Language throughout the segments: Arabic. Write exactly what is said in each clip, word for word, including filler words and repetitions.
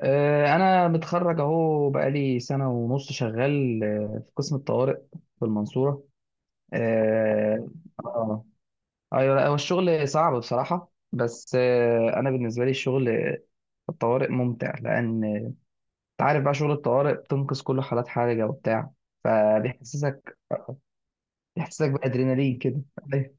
آه، انا متخرج اهو بقالي سنه ونص شغال آه، في قسم الطوارئ في المنصوره. اه. آه. ايوه، لا هو الشغل صعب بصراحه، بس آه، انا بالنسبه لي الشغل في الطوارئ ممتع، لان انت عارف بقى شغل الطوارئ بتنقذ كل حالات حرجه وبتاع، فبيحسسك بيحسسك بادرينالين كده. أيوة.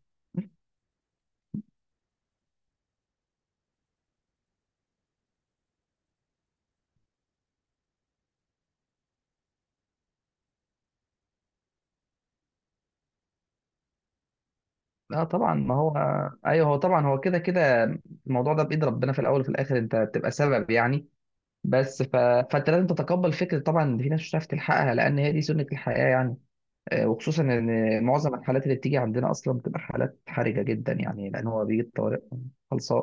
اه طبعا ما هو، ايوه هو طبعا هو كده كده الموضوع ده بايد ربنا في الاول وفي الاخر، انت بتبقى سبب يعني. بس ف... فانت لازم تتقبل فكره طبعا ان في ناس مش هتعرف تلحقها، لان هي دي سنه الحياه يعني. آه، وخصوصا ان معظم الحالات اللي بتيجي عندنا اصلا بتبقى حالات حرجه جدا يعني، لان هو بيجي الطوارئ خلصان.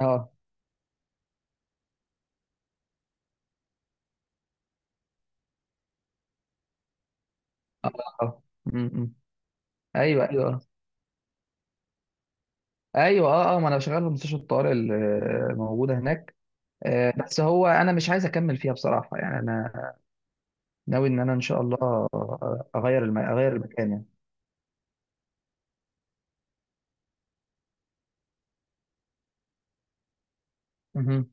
اه اه آه. م- م. ايوه ايوه، آه. ايوه اه اه ما انا شغال في مستشفى الطوارئ الموجوده هناك. آه، بس هو انا مش عايز اكمل فيها بصراحه يعني، انا ناوي ان انا ان شاء الله اغير الم... اغير المكان يعني. مهم.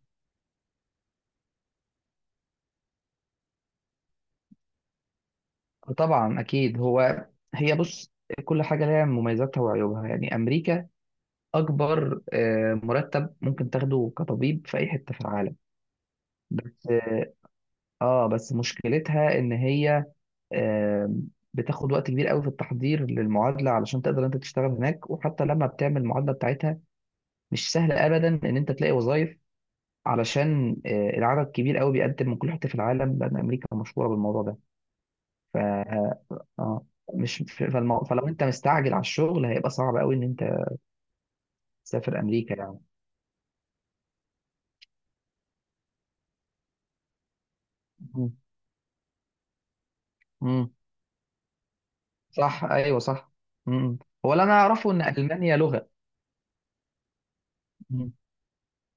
طبعا اكيد هو، هي بص، كل حاجه لها مميزاتها وعيوبها يعني. امريكا اكبر، آه، مرتب ممكن تاخده كطبيب في اي حته في العالم، بس اه آه، بس مشكلتها ان هي آه، بتاخد وقت كبير قوي في التحضير للمعادله علشان تقدر انت تشتغل هناك، وحتى لما بتعمل المعادله بتاعتها مش سهل ابدا ان انت تلاقي وظائف، علشان آه، العدد كبير قوي بيقدم من كل حته في العالم، لان امريكا مشهوره بالموضوع ده. ف اه مش ف- فالمو... فلو انت مستعجل على الشغل هيبقى صعب قوي ان انت تسافر امريكا يعني. مم. مم. صح ايوه صح. مم. هو اللي انا اعرفه ان المانيا لغه. مم.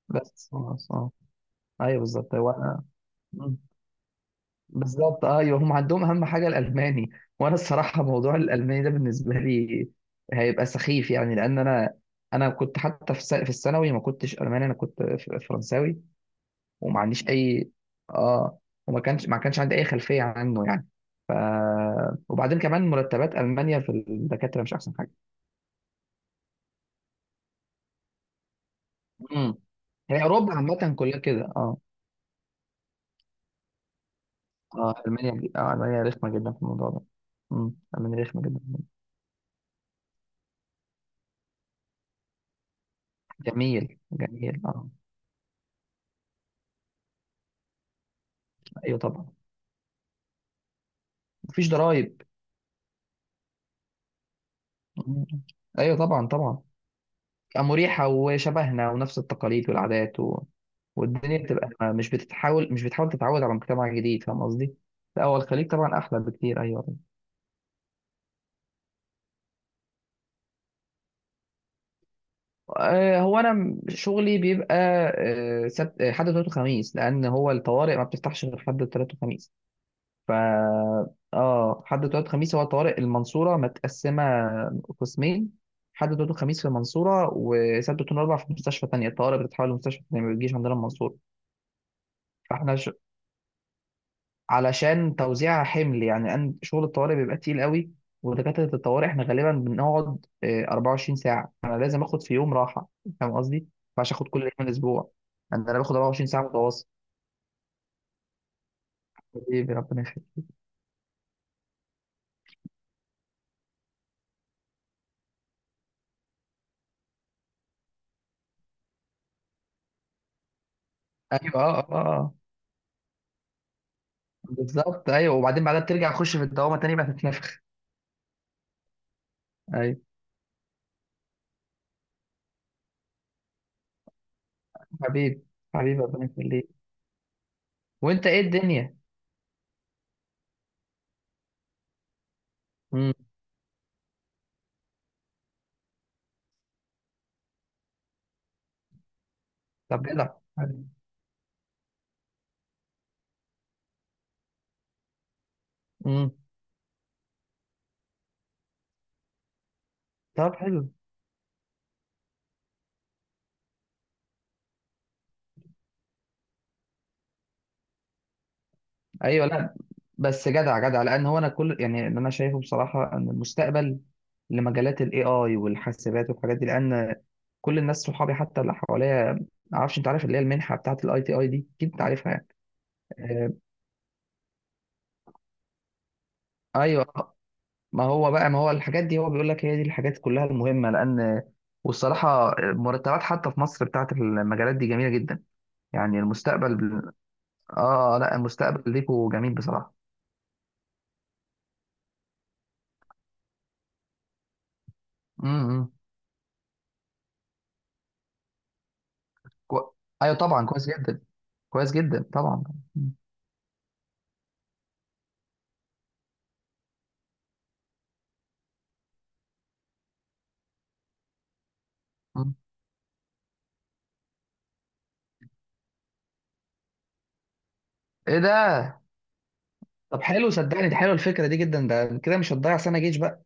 بس خلاص اه. ايوه بالظبط هو انا، مم، بالظبط ايوه هم عندهم اهم حاجه الالماني. وانا الصراحه موضوع الالماني ده بالنسبه لي هيبقى سخيف يعني، لان انا انا كنت حتى في الس- في الثانوي ما كنتش الماني، انا كنت ف- فرنساوي. وما عنديش اي اه وما كانش ما كانش عندي اي خلفيه عنه يعني. ف... وبعدين كمان مرتبات المانيا في الدكاتره مش احسن حاجه. امم. هي اوروبا عامه كلها كده اه. اه المانيا، اه المانيا رخمه جدا في الموضوع ده. امم، المانيا رخمه جدا. جميل جميل اه. ايوه طبعا، مفيش ضرايب. مم. ايوه طبعا طبعا، مريحة وشبهنا ونفس التقاليد والعادات و... والدنيا بتبقى مش بتتحاول مش بتحاول تتعود على مجتمع جديد، فاهم قصدي؟ لا هو الخليج طبعا أحلى بكتير. أيوه. آه، هو أنا م- شغلي بيبقى آه، سبت، آه، حد وتلات وخميس، لأن هو الطوارئ ما بتفتحش غير حد وتلات وخميس. ف اه حد وتلات وخميس. هو طوارئ المنصورة متقسمة قسمين: حد وتلات وخميس في المنصورة، وسبت واتنين وأربع في مستشفى تانية. الطوارئ بتتحول لمستشفى تانية، ما بتجيش عندنا المنصورة. فاحنا علشان توزيع حمل يعني. أن- شغل الطوارئ بيبقى تقيل قوي، ودكاترة الطوارئ احنا غالبا بنقعد آه، أربعة وعشرين ساعة. أنا لازم آخد في يوم راحة، فاهم قصدي؟ مش آخد كل يوم الأسبوع. أنا أنا باخد أربعة وعشرين ساعة متواصل. حبيبي ربنا يخليك. أيوه أه أه آه. آه. بالظبط أيوه، وبعدين بعدها بترجع تخش في الدوامة تاني بقى تتنفخ. أيوه. حبيبي حبيبي ربنا يخليك. وأنت إيه الدنيا؟ مم. طب جدع. امم. طب حلو. ايوه لا بس جدع جدع، لان هو انا كل يعني اللي انا شايفه بصراحه ان المستقبل لمجالات الاي اي والحاسبات والحاجات دي. لان كل الناس صحابي حتى اللي حواليا، ما اعرفش انت عارف اللي هي المنحه بتاعه الاي تي اي دي، اكيد انت عارفها يعني. آه، ايوه. ما هو بقى ما هو الحاجات دي هو بيقول لك هي دي الحاجات كلها المهمه، لان والصراحه مرتبات حتى في مصر بتاعه المجالات دي جميله جدا يعني. المستقبل اه، آه، لا المستقبل ليكوا جميل بصراحه. امم. كو... ايوه طبعا كويس جدا، كويس جدا طبعا. مم. مم. ايه ده. طب حلو صدقني، دي حلوه الفكره دي جدا، ده كده مش هتضيع سنه جيش بقى.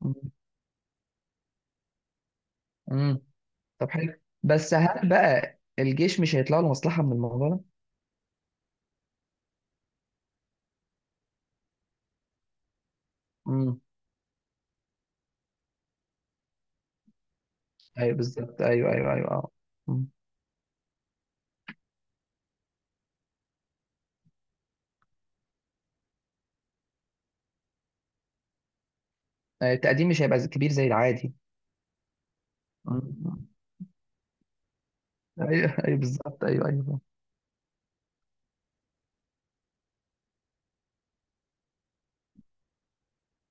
مم. مم. طب حلو، بس هل بقى الجيش مش هيطلع له مصلحة من الموضوع ده؟ مم. ايوه بالظبط ايوه ايوه ايوه اه. مم. آه، التقديم مش هيبقى كبير زي العادي. مم. ايوه ايوه بالظبط ايوه ايوه فاهم.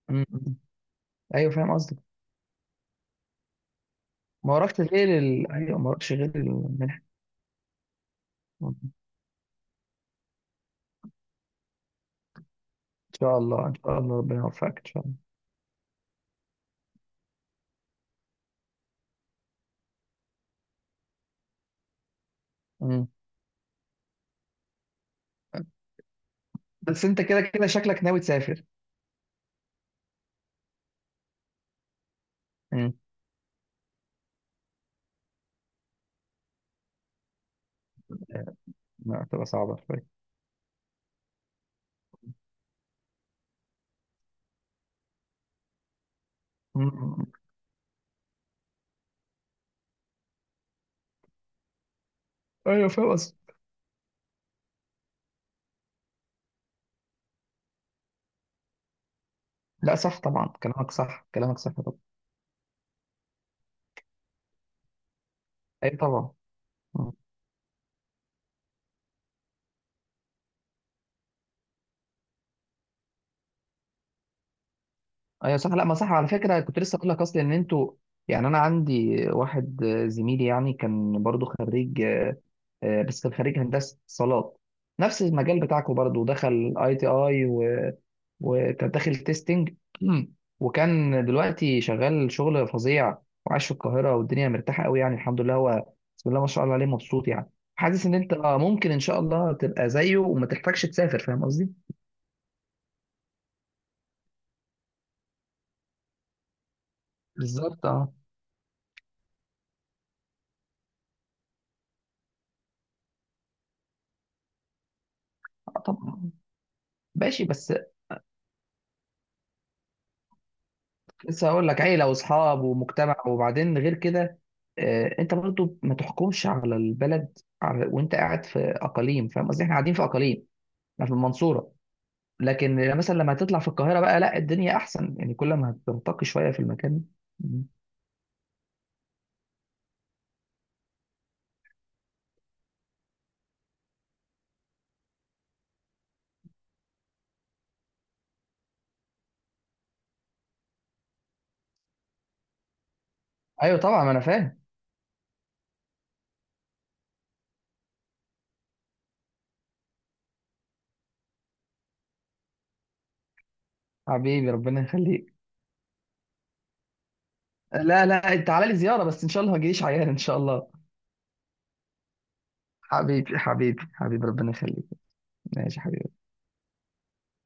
مم. مم. ايوه فاهم قصدك. ما وراكش غير ال... ايوه ما وراكش غير المنحة. مم. ان شاء الله ان شاء الله ربنا يوفقك ان شاء الله. مم. بس انت كده كده شكلك ناوي تسافر. مم. آه، لا تبقى صعبة شوية. مم. ايوه فاهم قصدك. لا صح طبعا، كلامك صح، كلامك صح طبعا. ايوه طبعا. مم. ايوه صح، لا ما صح على فكره، كنت لسه اقول لك اصلا ان انتوا يعني. انا عندي واحد آه، زميلي يعني، كان برضو خريج آه، آه، بس كان خريج هندسه اتصالات، نفس المجال بتاعكم برضو، دخل اي تي اي و... وكان داخل تيستنج. وكان دلوقتي شغال شغل فظيع، وعايش في القاهره والدنيا مرتاحه قوي يعني، الحمد لله هو بسم الله ما شاء الله عليه مبسوط يعني. حاسس ان انت آه، ممكن ان شاء الله تبقى زيه وما تحتاجش تسافر، فاهم قصدي. بالظبط اه. آه، طبعا. ماشي بس. لسه هقول لك، عيله واصحاب ومجتمع، وبعدين غير كده آه، انت برضو ما تحكمش على البلد على وانت قاعد في اقاليم، فاهم قصدي، احنا قاعدين في اقاليم، احنا في المنصوره. لكن مثلا لما تطلع في القاهره بقى، لا الدنيا احسن يعني، كل ما هترتقي شويه في المكان. مم. ايوه طبعا ما انا فاهم. حبيبي ربنا يخليك. لا لا تعالى لي زياره، بس ان شاء الله ما تجيليش عيان ان شاء الله. حبيبي حبيبي حبيبي ربنا يخليك. ماشي حبيبي.